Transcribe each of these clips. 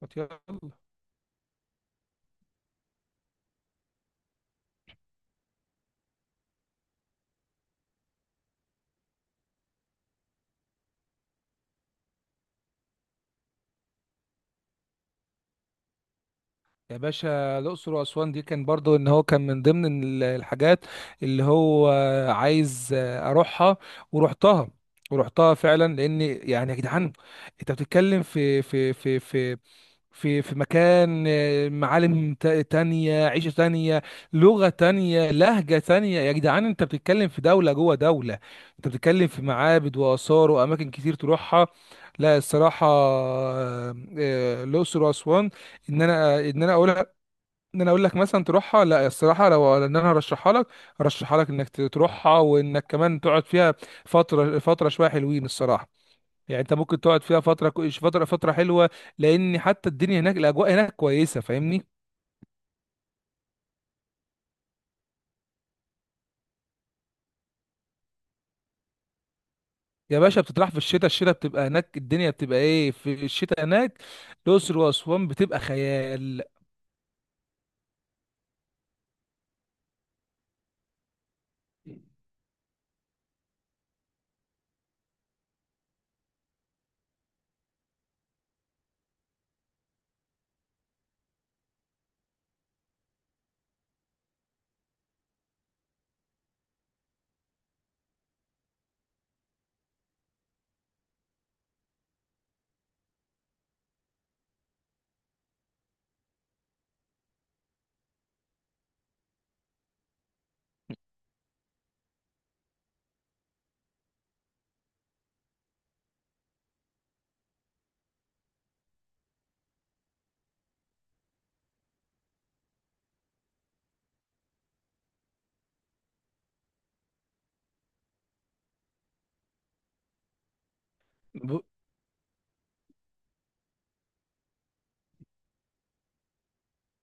طب يلا. يا باشا، الأقصر وأسوان دي كان برضو إن هو كان من ضمن الحاجات اللي هو عايز أروحها، ورحتها. ورحتها فعلا، لأن يعني يا جدعان، أنت بتتكلم في مكان، معالم تانية، عيشة تانية، لغة تانية، لهجة تانية. يا جدعان، انت بتتكلم في دولة جوه دولة، انت بتتكلم في معابد وآثار وأماكن كتير تروحها. لا الصراحة، الأقصر وأسوان، إن أنا أقول، إن أنا أقول لك مثلا تروحها. لا الصراحة، لو إن أنا هرشحها لك إنك تروحها، وإنك كمان تقعد فيها فترة، فترة شوية حلوين الصراحة. يعني انت ممكن تقعد فيها فتره فتره حلوه، لان حتى الدنيا هناك، الاجواء هناك كويسه، فاهمني. يا باشا، بتطرح في الشتاء بتبقى هناك. الدنيا بتبقى ايه في الشتاء هناك؟ الاقصر واسوان بتبقى خيال. ب-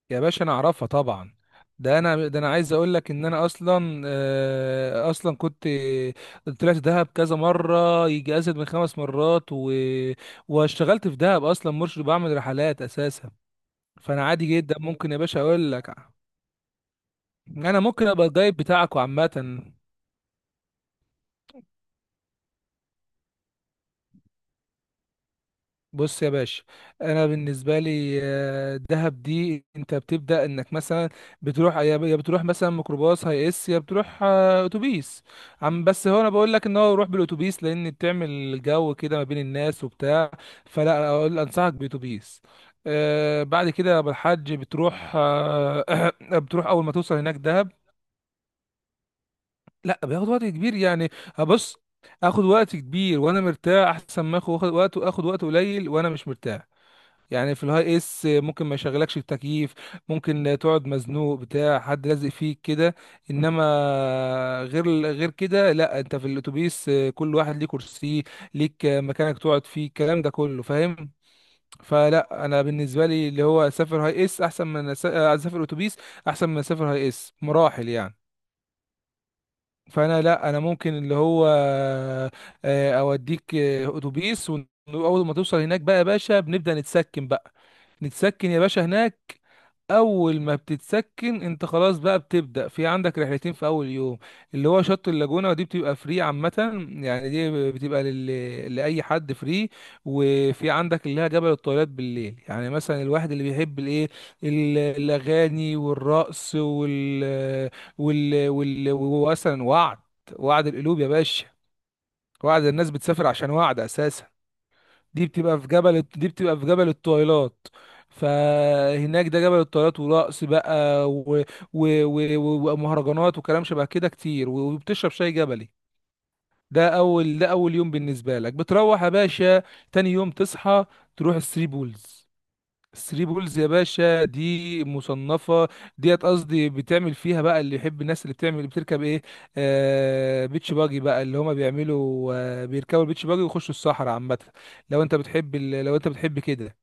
يا باشا انا اعرفها طبعا. ده انا عايز اقول لك ان انا اصلا، اصلا كنت طلعت دهب كذا مره، يجي ازيد من خمس مرات و... واشتغلت في دهب اصلا مرشد، بعمل رحلات اساسا. فانا عادي جدا ممكن يا باشا اقول لك، انا ممكن ابقى الجايد بتاعك عامه. بص يا باشا، انا بالنسبه لي دهب دي، انت بتبدا انك مثلا بتروح يا بتروح مثلا ميكروباص هي اس، يا بتروح اتوبيس. عم بس هو انا بقول لك ان هو روح بالاتوبيس، لان بتعمل جو كده ما بين الناس وبتاع. فلا، اقول انصحك باتوبيس. بعد كده يا أبو الحاج بتروح بتروح اول ما توصل هناك دهب. لا بياخد وقت كبير يعني، بص، اخد وقت كبير وانا مرتاح احسن ما اخد وقت قليل وانا مش مرتاح. يعني في الهاي اس ممكن ما يشغلكش التكييف، ممكن تقعد مزنوق بتاع، حد لازق فيك كده، انما غير كده لا، انت في الاتوبيس كل واحد ليه كرسي، ليك مكانك تقعد فيه، الكلام ده كله فاهم. فلا انا بالنسبه لي، اللي هو اسافر هاي اس احسن من اسافر اتوبيس، احسن من اسافر هاي اس مراحل يعني. فانا لا، انا ممكن اللي هو اوديك اتوبيس. واول ما توصل هناك بقى يا باشا بنبدأ نتسكن بقى، نتسكن يا باشا هناك. اول ما بتتسكن انت خلاص بقى بتبدأ، في عندك رحلتين في اول يوم، اللي هو شط اللاجونة، ودي بتبقى فري عامة، يعني دي بتبقى لأي حد فري. وفي عندك اللي هي جبل الطويلات بالليل، يعني مثلا الواحد اللي بيحب الايه، الاغاني والرقص ومثلا وعد، وعد القلوب يا باشا، وعد الناس بتسافر عشان وعد اساسا. دي بتبقى في جبل الطويلات. فهناك ده جبل الطويلات ورقص بقى و... و... ومهرجانات وكلام شبه كده كتير، وبتشرب شاي جبلي. ده اول يوم بالنسبه لك بتروح يا باشا. تاني يوم تصحى تروح الثري بولز. ثري بولز يا باشا دي مصنفة، ديت قصدي بتعمل فيها بقى اللي يحب، الناس اللي بتعمل اللي بتركب ايه، بيتش باجي بقى، اللي هما بيعملوا بيركبوا البيتش باجي ويخشوا الصحراء عامة. لو انت بتحب كده.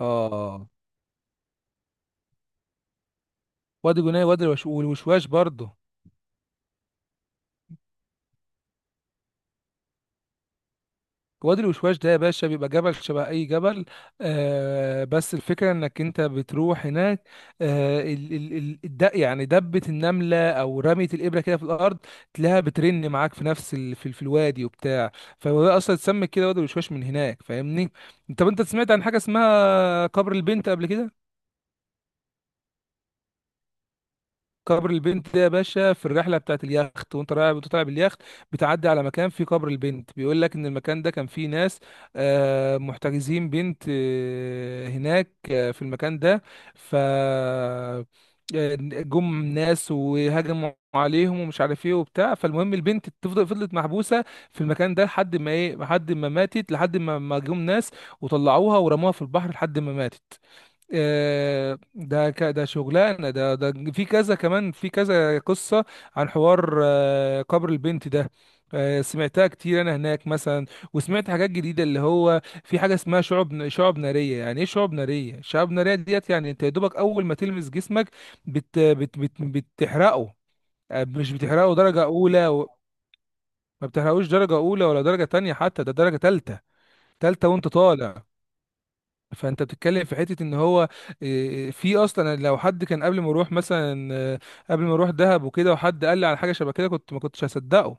اه، وادي جناي، والوشواش برضه. وادي الوشواش ده يا باشا بيبقى جبل شبه اي جبل، بس الفكره انك انت بتروح هناك يعني دبه النمله او رميه الابره كده في الارض، تلاقيها بترن معاك في نفس في الوادي وبتاع. فهو ده اصلا اتسمى كده وادي الوشواش من هناك، فاهمني. انت سمعت عن حاجه اسمها قبر البنت قبل كده؟ قبر البنت ده يا باشا في الرحله بتاعت اليخت، وانت رايح وانت طالع باليخت بتعدي على مكان فيه قبر البنت، بيقول لك ان المكان ده كان فيه ناس محتجزين بنت هناك في المكان ده. ف جم ناس وهجموا عليهم ومش عارف ايه وبتاع. فالمهم البنت فضلت محبوسه في المكان ده لحد ما ايه، لحد ما ماتت، لحد ما ما جم ناس وطلعوها ورموها في البحر لحد ما ماتت. ده شغلانه، ده في كذا كمان، في كذا قصه عن حوار قبر البنت ده، سمعتها كتير انا هناك مثلا. وسمعت حاجات جديده، اللي هو في حاجه اسمها شعب ناريه. يعني ايه شعب ناريه؟ شعب ناريه ديت يعني انت يا دوبك اول ما تلمس جسمك بت بت بت بتحرقه مش بتحرقه درجه اولى ما بتحرقوش درجه اولى ولا درجه تانية، حتى ده درجه تالتة. تالتة وانت طالع. فانت بتتكلم في حته ان هو، في اصلا لو حد كان قبل ما اروح دهب وكده، وحد قال لي على حاجه شبه كده، كنت ما كنتش هصدقه.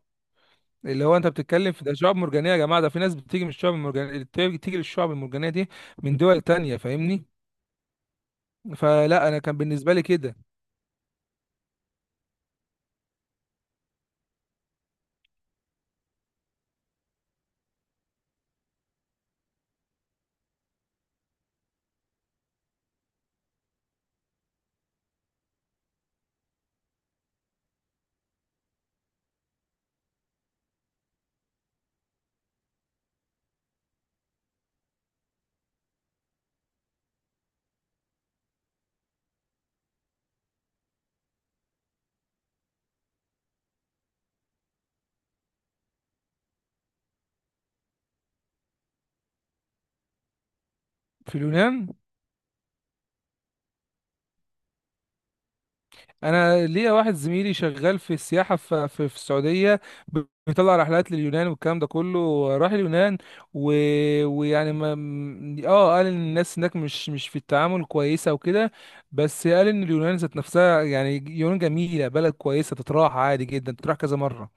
اللي هو انت بتتكلم في ده شعاب مرجانيه يا جماعه، ده في ناس بتيجي من الشعاب المرجانيه، بتيجي للشعاب المرجانيه دي من دول تانية، فاهمني. فلا، انا كان بالنسبه لي كده. في اليونان؟ انا ليا واحد زميلي شغال في السياحه في السعوديه، ب- بيطلع رحلات لليونان والكلام ده كله، راح اليونان و... ويعني ما م- اه قال ان الناس هناك مش في التعامل كويسه وكده. بس قال ان اليونان ذات نفسها، يعني اليونان جميله، بلد كويسه تتراح عادي جدا، تتراح كذا مره.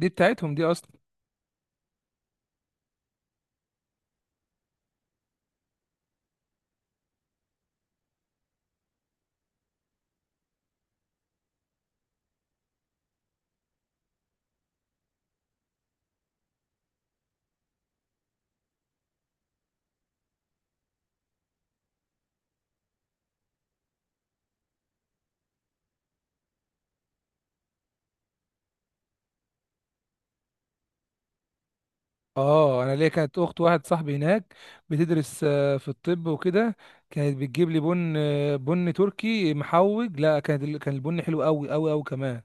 دي بتاعتهم دي اصلا. اه، انا ليا كانت اخت واحد صاحبي هناك بتدرس في الطب وكده، كانت بتجيب لي بن، بن تركي محوج. لا، كانت كان البن حلو قوي قوي قوي كمان.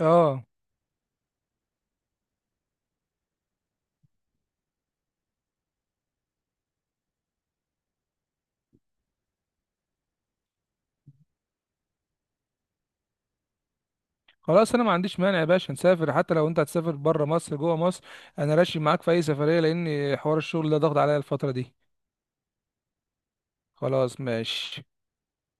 اه، خلاص انا ما عنديش مانع يا باشا نسافر، حتى لو انت هتسافر بره مصر جوه مصر انا راشي معاك في اي سفريه، لان حوار الشغل ده ضغط عليا الفتره دي. خلاص ماشي.